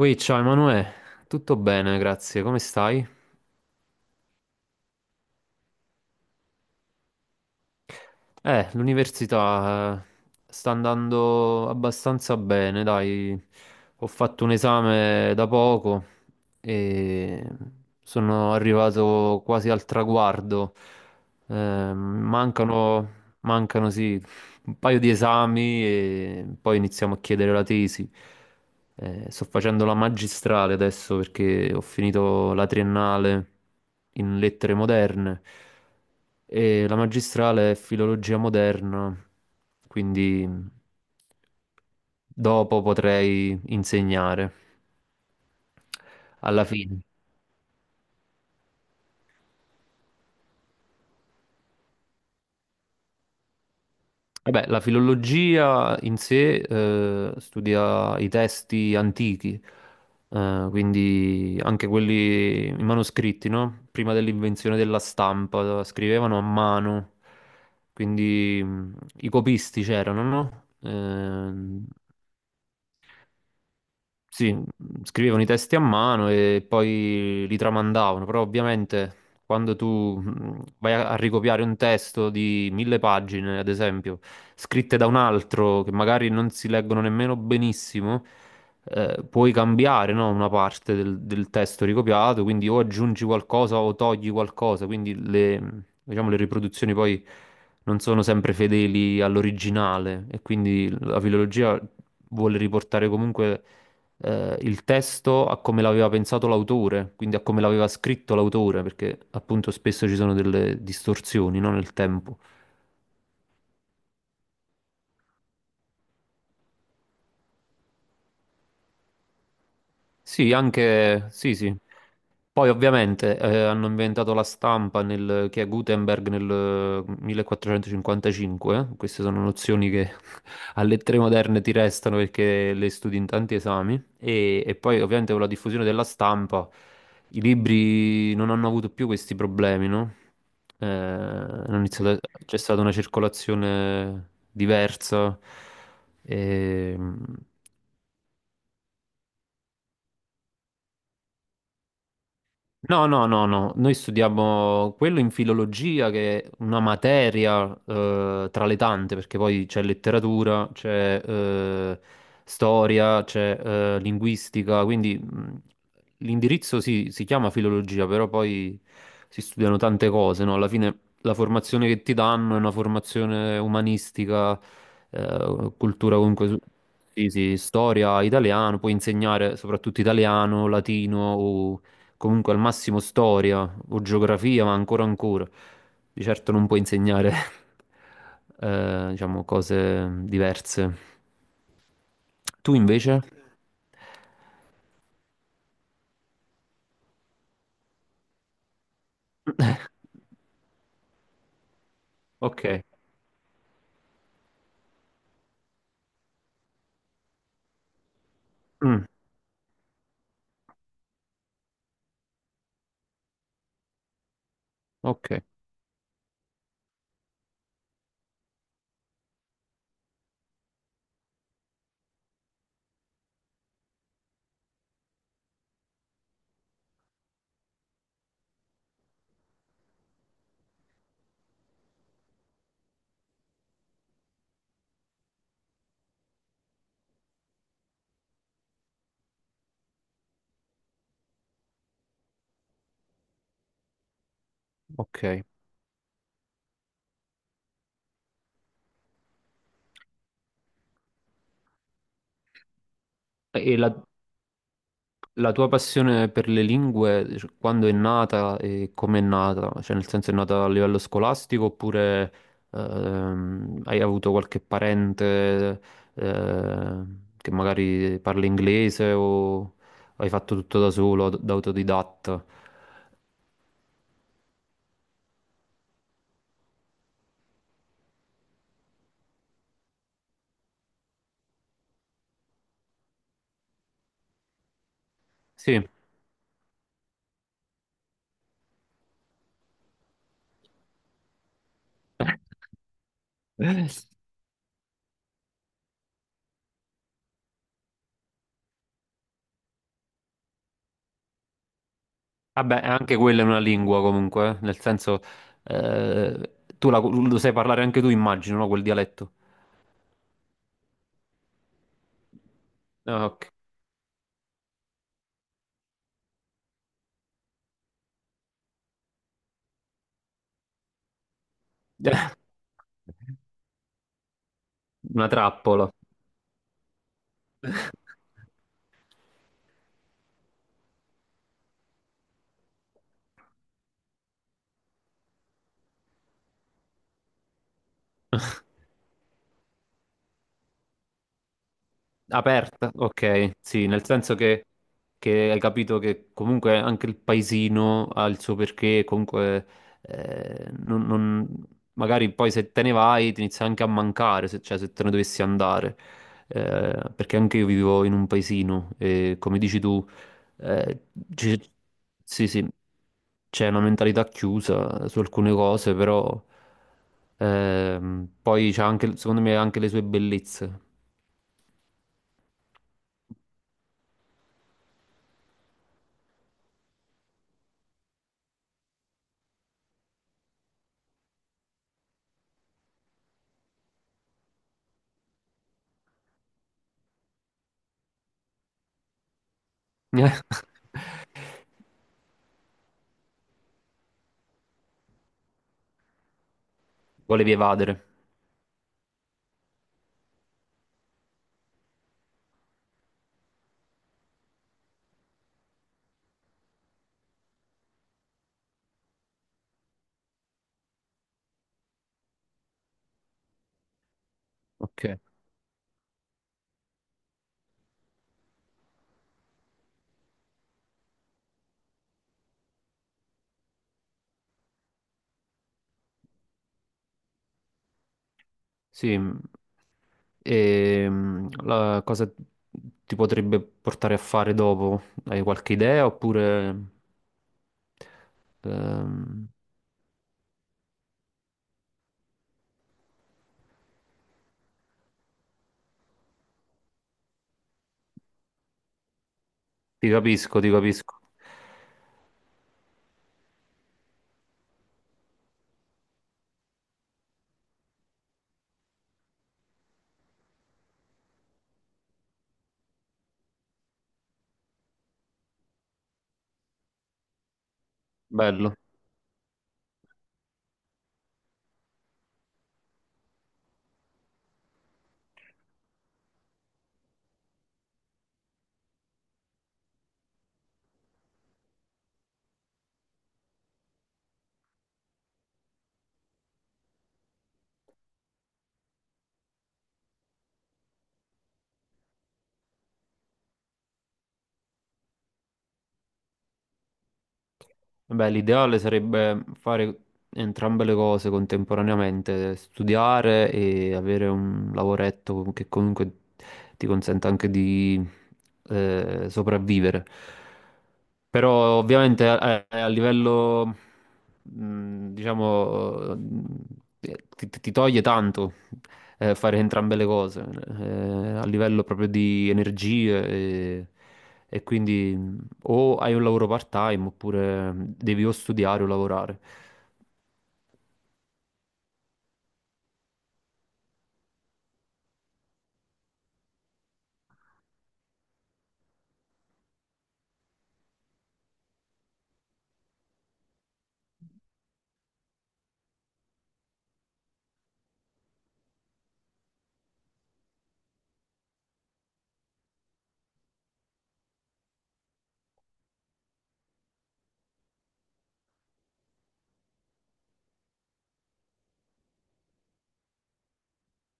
Ui, ciao Emanuele, tutto bene, grazie, come stai? L'università sta andando abbastanza bene, dai, ho fatto un esame da poco e sono arrivato quasi al traguardo. Eh, mancano sì, un paio di esami e poi iniziamo a chiedere la tesi. Sto facendo la magistrale adesso perché ho finito la triennale in lettere moderne e la magistrale è filologia moderna, quindi dopo potrei insegnare alla fine. Vabbè, la filologia in sé studia i testi antichi, quindi anche quelli i manoscritti, no? Prima dell'invenzione della stampa, scrivevano a mano, quindi i copisti c'erano, no? Ehm, sì, scrivevano i testi a mano e poi li tramandavano, però ovviamente quando tu vai a ricopiare un testo di mille pagine, ad esempio, scritte da un altro che magari non si leggono nemmeno benissimo, puoi cambiare, no, una parte del testo ricopiato, quindi o aggiungi qualcosa o togli qualcosa, quindi le, diciamo, le riproduzioni poi non sono sempre fedeli all'originale e quindi la filologia vuole riportare comunque il testo a come l'aveva pensato l'autore, quindi a come l'aveva scritto l'autore, perché appunto spesso ci sono delle distorsioni, no, nel tempo. Sì, anche sì, sì. Poi ovviamente hanno inventato la stampa che è Gutenberg nel millequattrocentocinquantacinque, 1455. Queste sono nozioni che alle tre moderne ti restano perché le studi in tanti esami e poi ovviamente con la diffusione della stampa i libri non hanno avuto più questi problemi, no? Eh, hanno iniziato a- C'è stata una circolazione diversa. E, No, no, no, no, noi studiamo quello in filologia, che è una materia tra le tante, perché poi c'è letteratura, c'è storia, c'è linguistica, quindi l'indirizzo sì, si chiama filologia, però poi si studiano tante cose, no? Alla fine la formazione che ti danno è una formazione umanistica, cultura comunque. Sì, sì, storia, italiano, puoi insegnare soprattutto italiano, latino o comunque al massimo storia o geografia, ma ancora ancora. Di certo non puoi insegnare, diciamo, cose diverse. Tu invece? Ok, mm, ok, ok. E la, La tua passione per le lingue, cioè, quando è nata e come è nata? Cioè, nel senso è nata a livello scolastico oppure hai avuto qualche parente eh, che magari parla inglese o hai fatto tutto da solo, da autodidatta? Sì. Vabbè, anche quella è una lingua comunque, nel senso lo sai parlare anche tu, immagino, no? Quel dialetto. Ah, ok. Una trappola. Aperta, ok, sì, nel senso che hai capito che comunque anche il paesino ha il suo perché, comunque eh, non- non- magari poi se te ne vai ti inizia anche a mancare, se, cioè se te ne dovessi andare, perché anche io vivo in un paesino e, come dici tu, eh, ci- sì, sì, c'è una mentalità chiusa su alcune cose, però poi c'ha anche, secondo me, ha anche le sue bellezze. Volevi evadere. Ok. Sì. E la cosa ti potrebbe portare a fare dopo? Hai qualche idea oppure? ehm, Ti capisco, ti capisco. Bello. Beh, l'ideale sarebbe fare entrambe le cose contemporaneamente, studiare e avere un lavoretto che comunque ti consenta anche di sopravvivere. Però ovviamente a livello, diciamo, ti toglie tanto fare entrambe le cose, a livello proprio di energie, e e quindi o hai un lavoro part-time oppure devi o studiare o lavorare.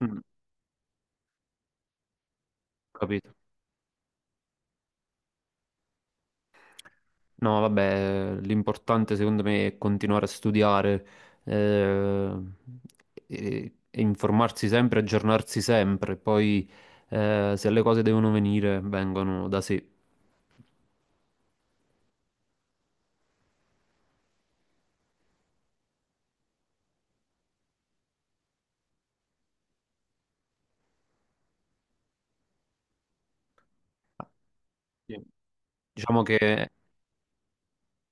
Mm, capito? No, vabbè, l'importante secondo me è continuare a studiare, eh, e informarsi sempre, aggiornarsi sempre, poi se le cose devono venire, vengono da sé. Sì. Diciamo che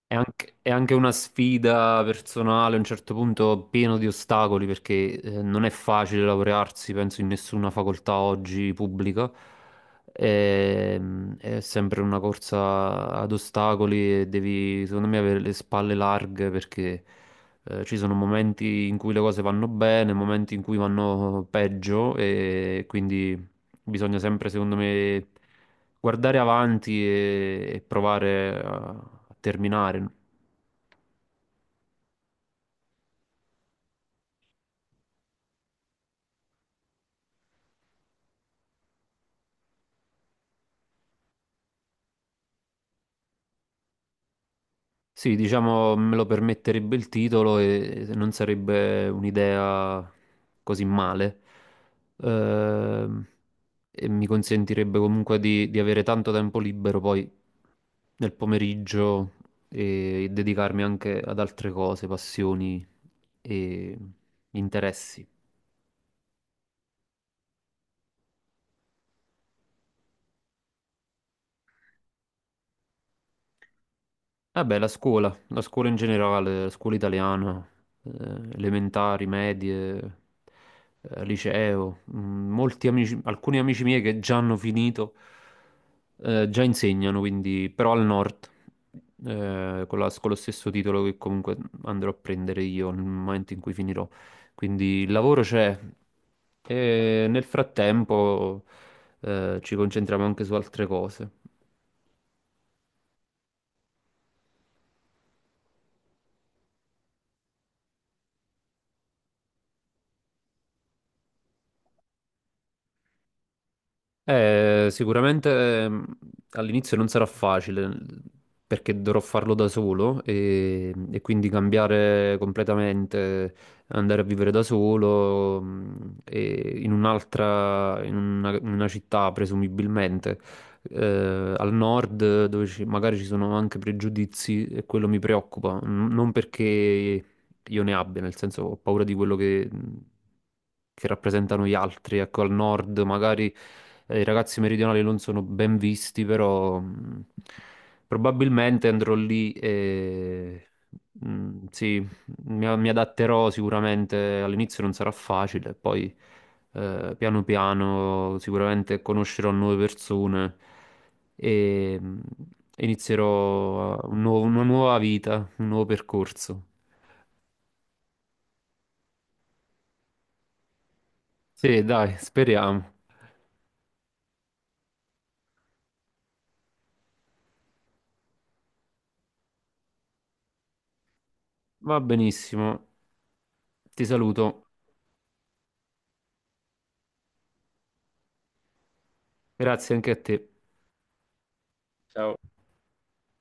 è anche una sfida personale, a un certo punto pieno di ostacoli, perché non è facile laurearsi, penso, in nessuna facoltà oggi pubblica. È sempre una corsa ad ostacoli e devi, secondo me, avere le spalle larghe, perché ci sono momenti in cui le cose vanno bene, momenti in cui vanno peggio, e quindi bisogna sempre, secondo me, guardare avanti e provare a terminare. Sì, diciamo, me lo permetterebbe il titolo e non sarebbe un'idea così male. Ehm, e mi consentirebbe comunque di avere tanto tempo libero poi nel pomeriggio e dedicarmi anche ad altre cose, passioni e interessi. Eh beh, la scuola in generale, la scuola italiana, eh, elementari, medie, liceo. Molti amici, alcuni amici miei che già hanno finito, già insegnano, quindi, però al nord, con lo stesso titolo che comunque andrò a prendere io nel momento in cui finirò. Quindi il lavoro c'è e, nel frattempo, ci concentriamo anche su altre cose. Sicuramente all'inizio non sarà facile perché dovrò farlo da solo e quindi cambiare completamente, andare a vivere da solo, e in una città presumibilmente, al nord, dove magari ci sono anche pregiudizi e quello mi preoccupa, non perché io ne abbia, nel senso ho paura di quello che rappresentano gli altri. Ecco, al nord magari i ragazzi meridionali non sono ben visti, però probabilmente andrò lì e sì, mi adatterò sicuramente. All'inizio non sarà facile, poi piano piano sicuramente conoscerò nuove persone e inizierò una nuova vita, un nuovo percorso. Sì, dai, speriamo. Va benissimo. Ti saluto. Grazie anche a te. Ciao.